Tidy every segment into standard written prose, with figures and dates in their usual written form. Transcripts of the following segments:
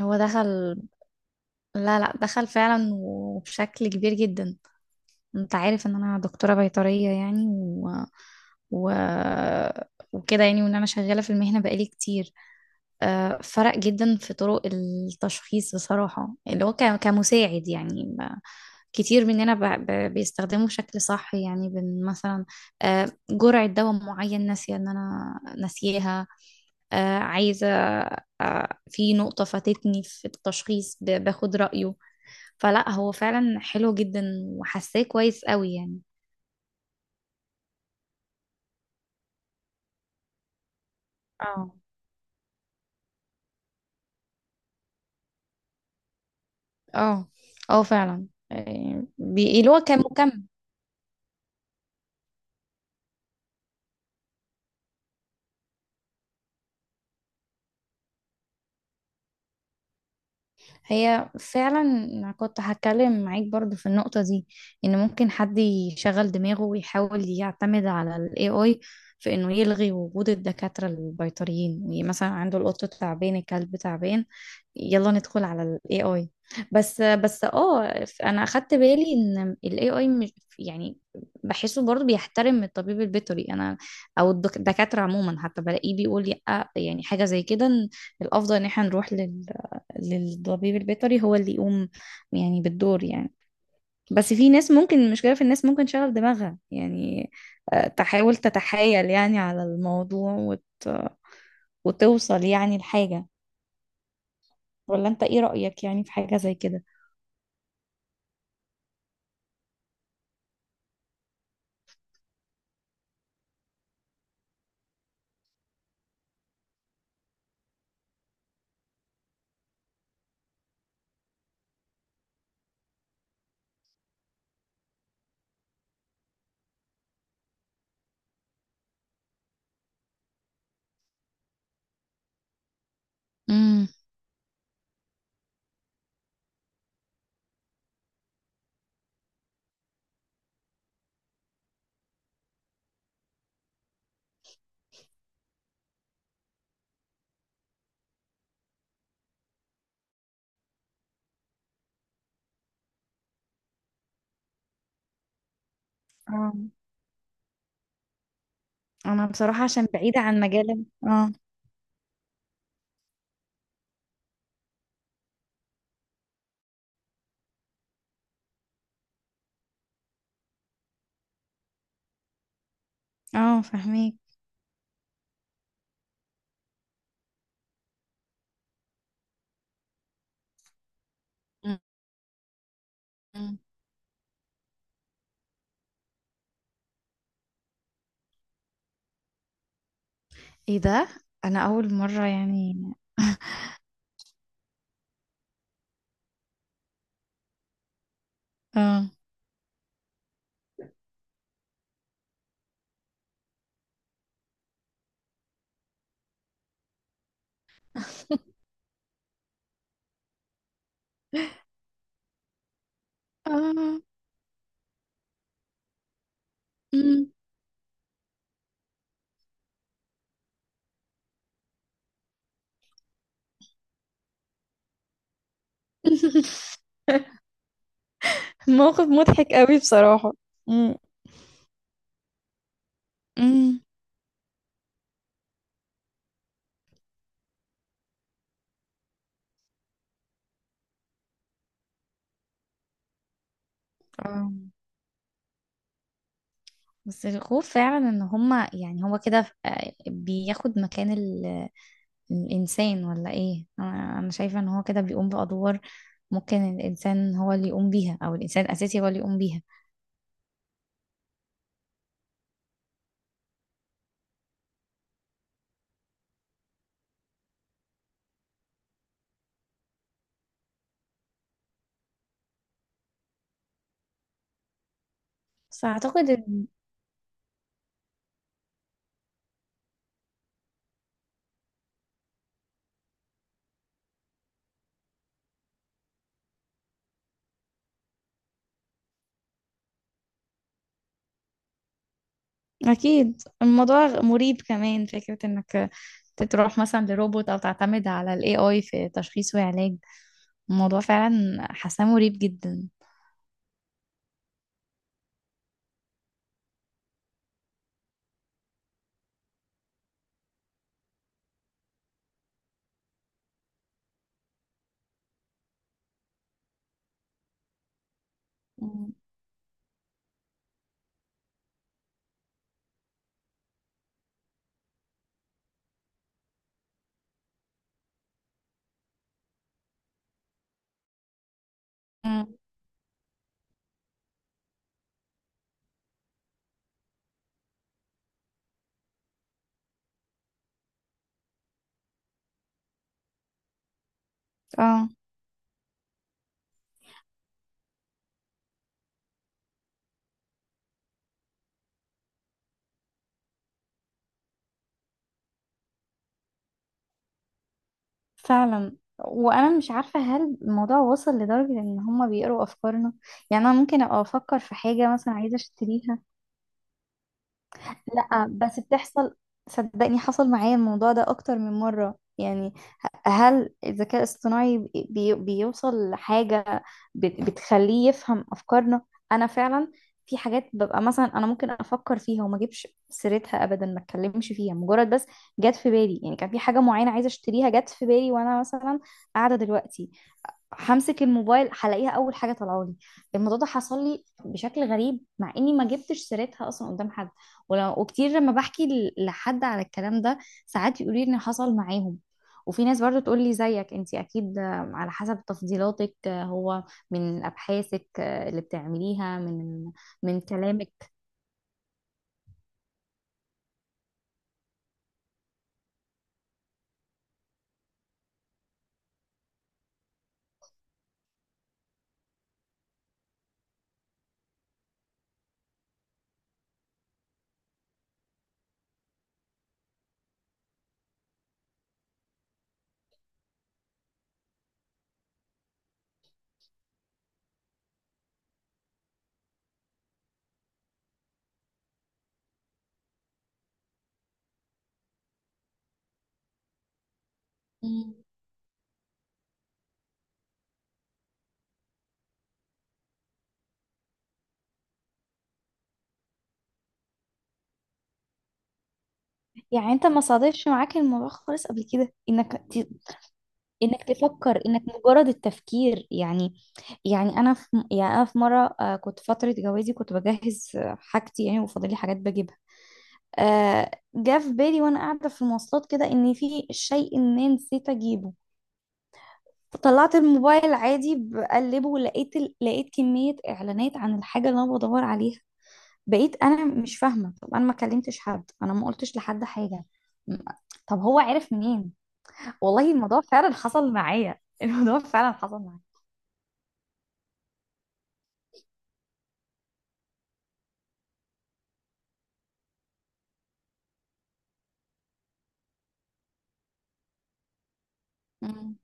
هو دخل. لا، لا، دخل فعلا وبشكل كبير جدا. انت عارف ان انا دكتورة بيطرية يعني و... وكده يعني وان انا شغالة في المهنة بقالي كتير. فرق جدا في طرق التشخيص بصراحة، اللي هو كمساعد يعني، ما كتير مننا بيستخدمه بشكل صح يعني. مثلا جرعة دواء معين ناسية ان انا ناسياها، عايزة، في نقطة فاتتني في التشخيص باخد رأيه. فلا، هو فعلا حلو جدا وحاساه كويس قوي يعني. اه، اه، اه، فعلا. اللي هو كان مكمل. هي فعلا أنا كنت هتكلم معاك برضو في النقطة دي، ان ممكن حد يشغل دماغه ويحاول يعتمد على ال AI في انه يلغي وجود الدكاترة البيطريين. يعني مثلا عنده القط تعبان، الكلب تعبان، يلا ندخل على ال AI. بس، بس، اه، انا اخدت بالي ان ال AI مش، يعني، بحسه برضو بيحترم الطبيب البيطري انا، او الدكاترة عموما. حتى بلاقيه بيقول لي، يعني حاجة زي كده، إن الافضل ان احنا نروح للطبيب البيطري، هو اللي يقوم يعني بالدور يعني. بس في ناس ممكن، المشكلة في الناس، ممكن تشغل دماغها يعني، تحاول تتحايل يعني على الموضوع وتوصل يعني لحاجة. ولا انت ايه رأيك يعني في حاجة زي كده؟ امم. اه، انا بصراحة عشان بعيدة عن مجال، اه. اه، فاهميك. أمم. ايه ده؟ انا اول مرة يعني. اه. آه. أمم. موقف مضحك قوي بصراحة. مم. أمم. آه. بس الخوف فعلا ان هما، يعني هو كده، بياخد مكان الانسان ولا ايه؟ أنا شايفة ان هو كده بيقوم بادوار ممكن الانسان هو اللي يقوم بيها، او الانسان الاساسي هو اللي يقوم بيها. بس اعتقد إن- اكيد الموضوع مريب، كمان فكرة انك تروح مثلا لروبوت او تعتمد على الاي اي في تشخيص وعلاج. الموضوع فعلا حاساه مريب جدا. مم. مم. اه، فعلا. وانا مش عارفه، هل الموضوع وصل لدرجه ان هما بيقروا افكارنا؟ يعني انا ممكن ابقى افكر في حاجه مثلا عايزه اشتريها. لا، بس بتحصل، صدقني حصل معايا الموضوع ده اكتر من مرة يعني. هل الذكاء الاصطناعي بيوصل لحاجة بتخليه يفهم افكارنا؟ انا فعلا، في حاجات ببقى مثلا انا ممكن افكر فيها وما اجيبش سيرتها ابدا، ما اتكلمش فيها، مجرد بس جت في بالي. يعني كان في حاجة معينة عايزة اشتريها، جت في بالي وانا مثلا قاعدة دلوقتي، همسك الموبايل هلاقيها اول حاجه طالعه لي. الموضوع ده حصل لي بشكل غريب مع اني ما جبتش سيرتها اصلا قدام حد. وكتير لما بحكي لحد على الكلام ده، ساعات يقولي ان حصل معاهم. وفي ناس برضو تقول لي، زيك انت اكيد، على حسب تفضيلاتك، هو من ابحاثك، اللي بتعمليها، من كلامك. مم. يعني انت ما صادفش معاك الموضوع خالص قبل كده؟ انك تفكر، انك مجرد التفكير يعني. يعني انا في مره، كنت فتره جوازي كنت بجهز حاجتي يعني وفاضلي حاجات بجيبها. جه في بالي وانا قاعده في المواصلات كده ان في شيء ما نسيت اجيبه. طلعت الموبايل عادي بقلبه ولقيت لقيت كميه اعلانات عن الحاجه اللي انا بدور عليها. بقيت انا مش فاهمه، طب انا ما كلمتش حد، انا ما قلتش لحد حاجه، م- طب هو عرف منين؟ والله الموضوع فعلا حصل معايا. الموضوع فعلا حصل معايا. مم.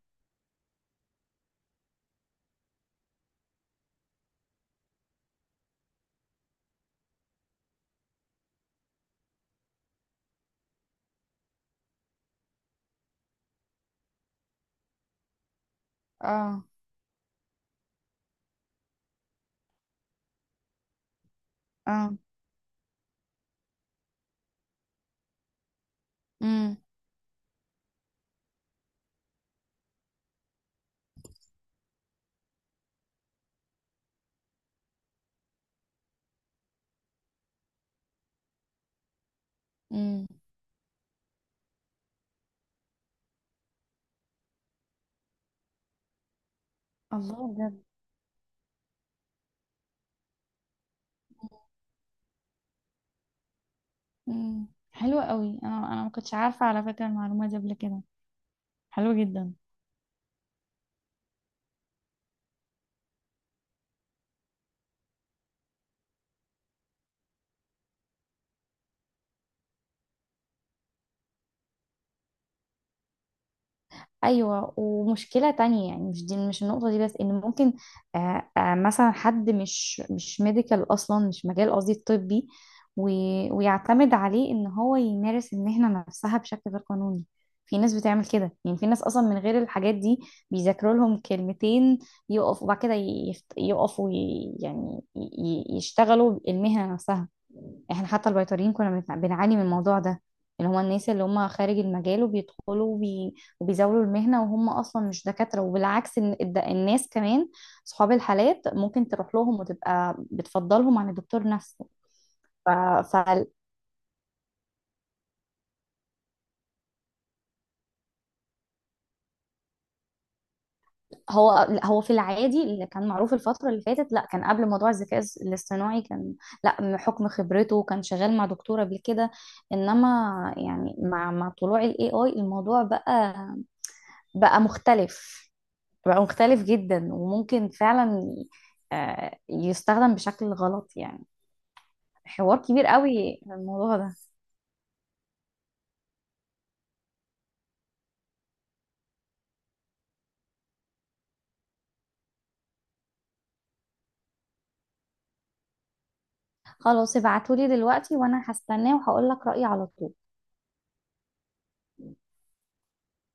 اه. اه. امم. الله، بجد. مم. امم، حلوة قوي. انا ما كنتش عارفة على فكرة المعلومة دي قبل كده، حلوة جدا. ايوه، ومشكله تانية يعني، مش النقطه دي بس، ان ممكن مثلا حد، مش ميديكال اصلا، مش مجال قصدي الطبي، ويعتمد عليه ان هو يمارس المهنه نفسها بشكل غير قانوني. في ناس بتعمل كده يعني، في ناس اصلا من غير الحاجات دي بيذاكروا لهم كلمتين، يقف، وبعد كده يقفوا يشتغلوا المهنه نفسها. احنا حتى البيطريين كنا بنعاني من الموضوع ده، اللي هما الناس اللي هما خارج المجال وبيدخلوا وبيزاولوا المهنة وهم أصلا مش دكاترة. وبالعكس، الناس كمان، صحاب الحالات ممكن تروح لهم وتبقى بتفضلهم عن الدكتور نفسه. فهو، هو في العادي اللي كان معروف الفترة اللي فاتت، لا، كان قبل موضوع الذكاء الاصطناعي كان، لا، من حكم خبرته كان شغال مع دكتور قبل كده. انما، يعني، مع طلوع الاي اي، الموضوع بقى مختلف، بقى مختلف جدا. وممكن فعلا يستخدم بشكل غلط يعني. حوار كبير قوي الموضوع ده. خلاص، ابعتولي دلوقتي وانا هستناه وهقول لك رأيي على طول.